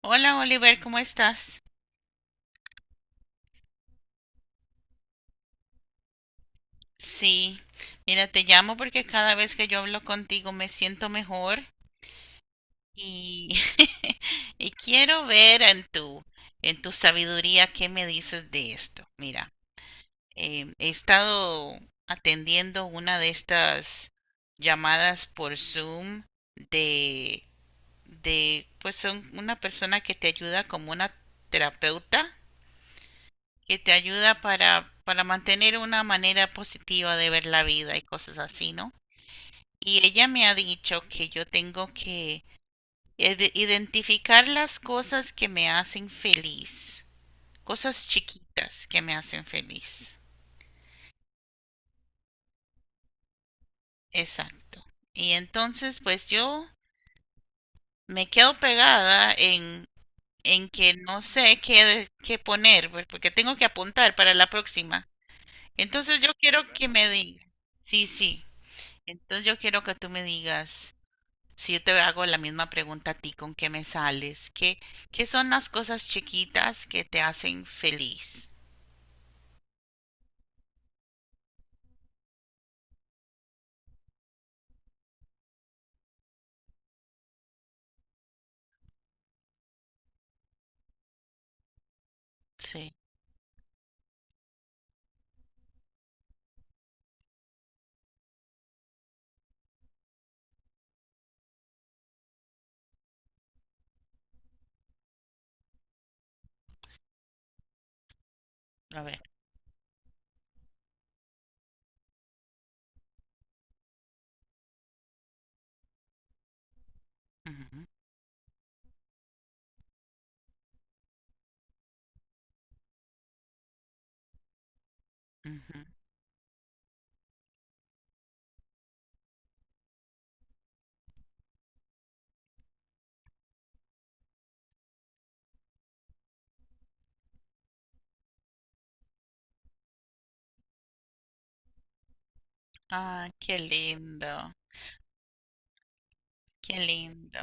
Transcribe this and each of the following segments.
Hola Oliver, ¿cómo estás? Sí, mira, te llamo porque cada vez que yo hablo contigo me siento mejor y, y quiero ver en en tu sabiduría qué me dices de esto. Mira, he estado atendiendo una de estas llamadas por Zoom de, pues son una persona que te ayuda como una terapeuta que te ayuda para mantener una manera positiva de ver la vida y cosas así, ¿no? Y ella me ha dicho que yo tengo que identificar las cosas que me hacen feliz, cosas chiquitas que me hacen feliz. Exacto. Y entonces pues yo me quedo pegada en que no sé qué, qué poner, pues, porque tengo que apuntar para la próxima. Entonces yo quiero que me diga. Sí, sí. Entonces yo quiero que tú me digas. Si yo te hago la misma pregunta a ti, ¿con qué me sales? ¿Qué son las cosas chiquitas que te hacen feliz? Sí, a ver. Ujú, ujú. Ah, qué lindo, qué lindo.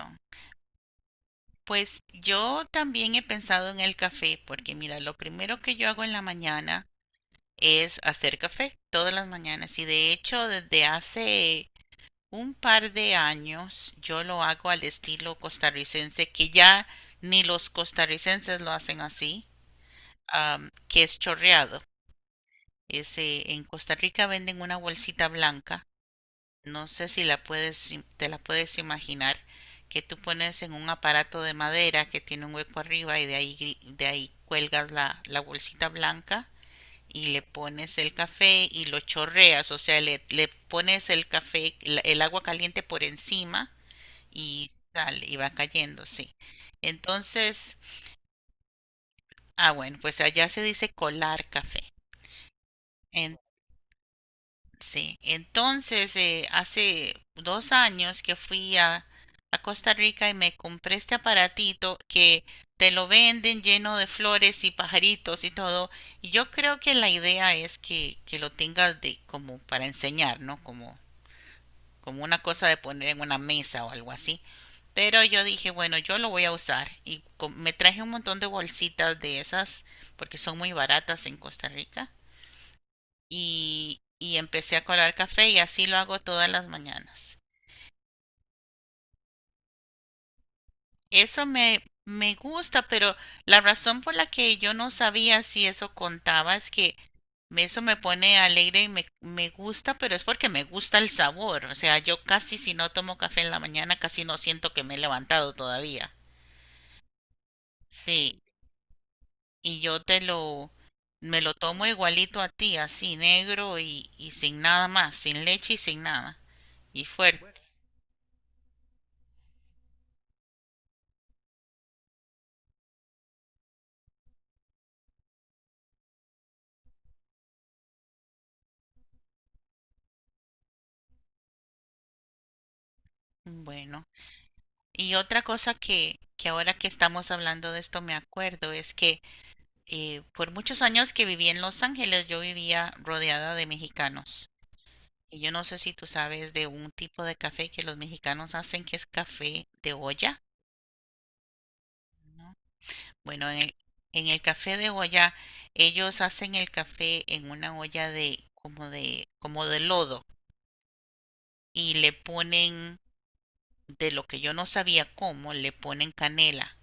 Pues yo también he pensado en el café, porque mira, lo primero que yo hago en la mañana es hacer café todas las mañanas y de hecho desde hace un par de años yo lo hago al estilo costarricense, que ya ni los costarricenses lo hacen así que es chorreado. Ese, en Costa Rica venden una bolsita blanca, no sé si la puedes, te la puedes imaginar, que tú pones en un aparato de madera que tiene un hueco arriba y de de ahí cuelgas la bolsita blanca y le pones el café y lo chorreas, o sea, le pones el café, el agua caliente por encima y sale, y va cayendo, sí. Entonces, ah, bueno, pues allá se dice colar café. Sí, entonces hace 2 años que fui a Costa Rica y me compré este aparatito que te lo venden lleno de flores y pajaritos y todo. Y yo creo que la idea es que lo tengas de como para enseñar, ¿no? Como, como una cosa de poner en una mesa o algo así. Pero yo dije, bueno, yo lo voy a usar y me traje un montón de bolsitas de esas porque son muy baratas en Costa Rica y empecé a colar café y así lo hago todas las mañanas. Eso me gusta, pero la razón por la que yo no sabía si eso contaba es que eso me pone alegre y me gusta, pero es porque me gusta el sabor. O sea, yo casi si no tomo café en la mañana, casi no siento que me he levantado todavía. Sí, y yo te lo, me lo tomo igualito a ti, así negro y sin nada más, sin leche y sin nada. Y fuerte. Bueno. Y otra cosa que ahora que estamos hablando de esto me acuerdo es que por muchos años que viví en Los Ángeles yo vivía rodeada de mexicanos. Y yo no sé si tú sabes de un tipo de café que los mexicanos hacen que es café de olla. ¿No? Bueno, en en el café de olla ellos hacen el café en una olla de como de como de lodo y le ponen de lo que yo no sabía cómo le ponen canela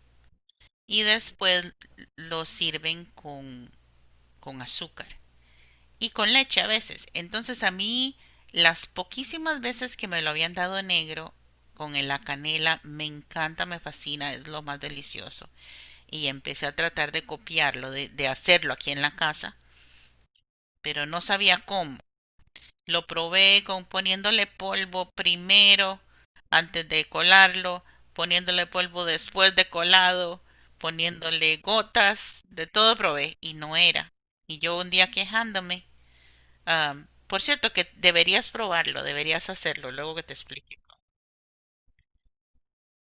y después lo sirven con azúcar y con leche a veces. Entonces a mí las poquísimas veces que me lo habían dado negro con la canela me encanta, me fascina, es lo más delicioso. Y empecé a tratar de copiarlo, de hacerlo aquí en la casa, pero no sabía cómo. Lo probé con poniéndole polvo primero antes de colarlo, poniéndole polvo después de colado, poniéndole gotas, de todo probé y no era. Y yo un día quejándome, por cierto que deberías probarlo, deberías hacerlo, luego que te explique.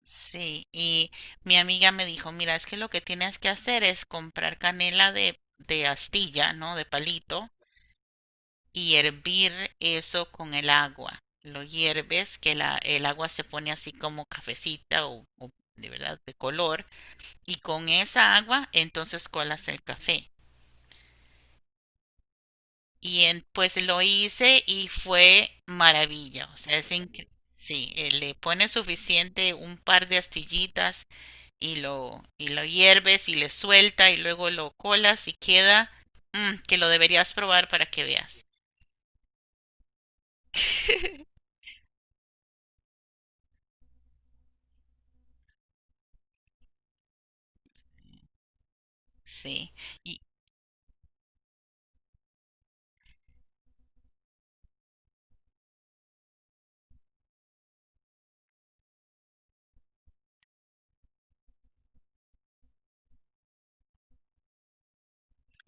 Sí, y mi amiga me dijo, mira, es que lo que tienes que hacer es comprar canela de astilla, ¿no? De palito, y hervir eso con el agua. Lo hierves, que el agua se pone así como cafecita o de verdad de color y con esa agua entonces colas el café. Y pues lo hice y fue maravilla, o sea, es increíble. Sí, le pones suficiente un par de astillitas y lo hierves y le suelta y luego lo colas y queda, mm, que lo deberías probar para que veas. Sí. Y,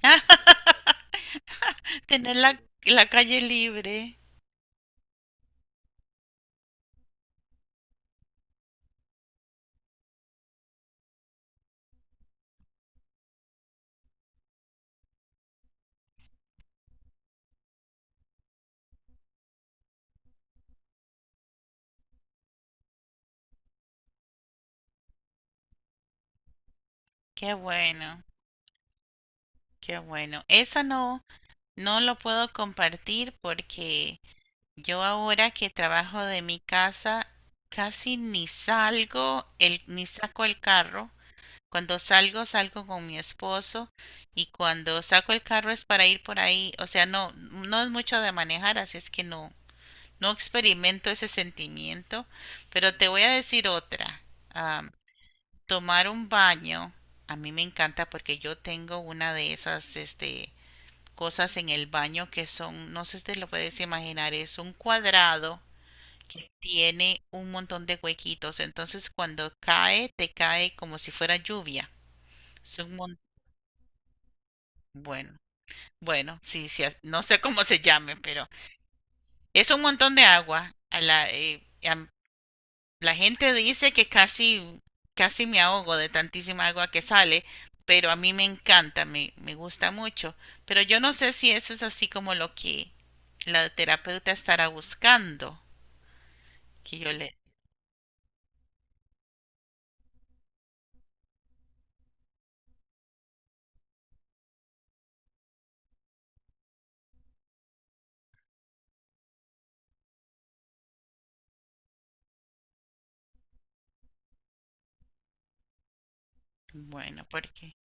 tener la calle libre. Qué bueno, qué bueno. Esa no, no lo puedo compartir porque yo ahora que trabajo de mi casa casi ni salgo, el, ni saco el carro. Cuando salgo, salgo con mi esposo y cuando saco el carro es para ir por ahí. O sea, no, no es mucho de manejar, así es que no, no experimento ese sentimiento. Pero te voy a decir otra. Am, tomar un baño, a mí me encanta porque yo tengo una de cosas en el baño que son, no sé si te lo puedes imaginar, es un cuadrado que tiene un montón de huequitos, entonces cuando cae, te cae como si fuera lluvia. Es un bueno, bueno, sí, sí, no sé cómo se llame, pero es un montón de agua. A a la gente dice que casi, casi me ahogo de tantísima agua que sale, pero a mí me encanta, me gusta mucho. Pero yo no sé si eso es así como lo que la terapeuta estará buscando, que yo le... Bueno, porque...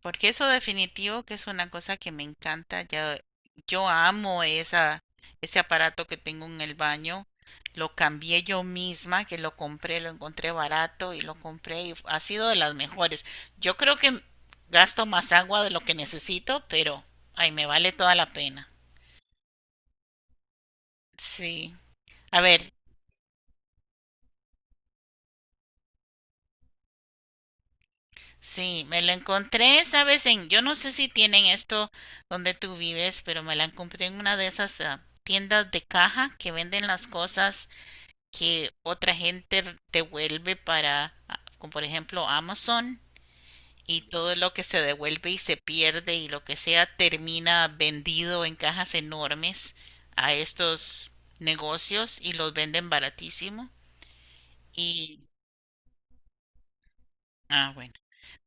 Porque eso definitivo que es una cosa que me encanta. Ya yo amo ese aparato que tengo en el baño. Lo cambié yo misma, que lo compré, lo encontré barato y lo compré y ha sido de las mejores. Yo creo que gasto más agua de lo que necesito, pero ay, me vale toda la pena. Sí. A ver, sí, me lo encontré, ¿sabes? En, yo no sé si tienen esto donde tú vives, pero me la encontré en una de esas tiendas de caja que venden las cosas que otra gente devuelve como por ejemplo, Amazon y todo lo que se devuelve y se pierde y lo que sea termina vendido en cajas enormes a estos negocios y los venden baratísimo. Y, ah, bueno.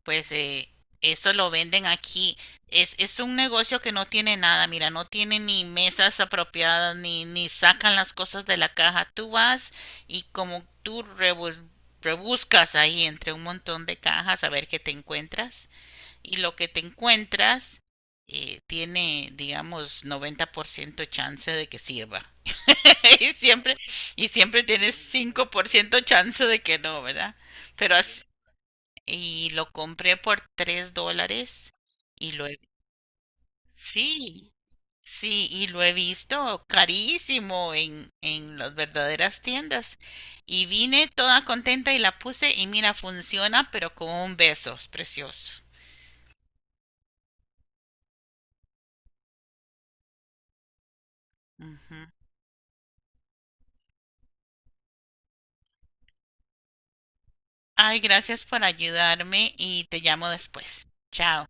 Pues eso lo venden aquí. Es un negocio que no tiene nada, mira, no tiene ni mesas apropiadas, ni sacan las cosas de la caja. Tú vas y como tú rebuscas ahí entre un montón de cajas a ver qué te encuentras y lo que te encuentras tiene, digamos, 90% chance de que sirva. y siempre, y siempre tienes 5% chance de que no, ¿verdad? Pero así, y lo compré por $3 y lo he, sí, sí, y lo he visto carísimo en las verdaderas tiendas. Y vine toda contenta y la puse y mira, funciona, pero con un beso, es precioso. Ujú. Ay, gracias por ayudarme y te llamo después. Chao.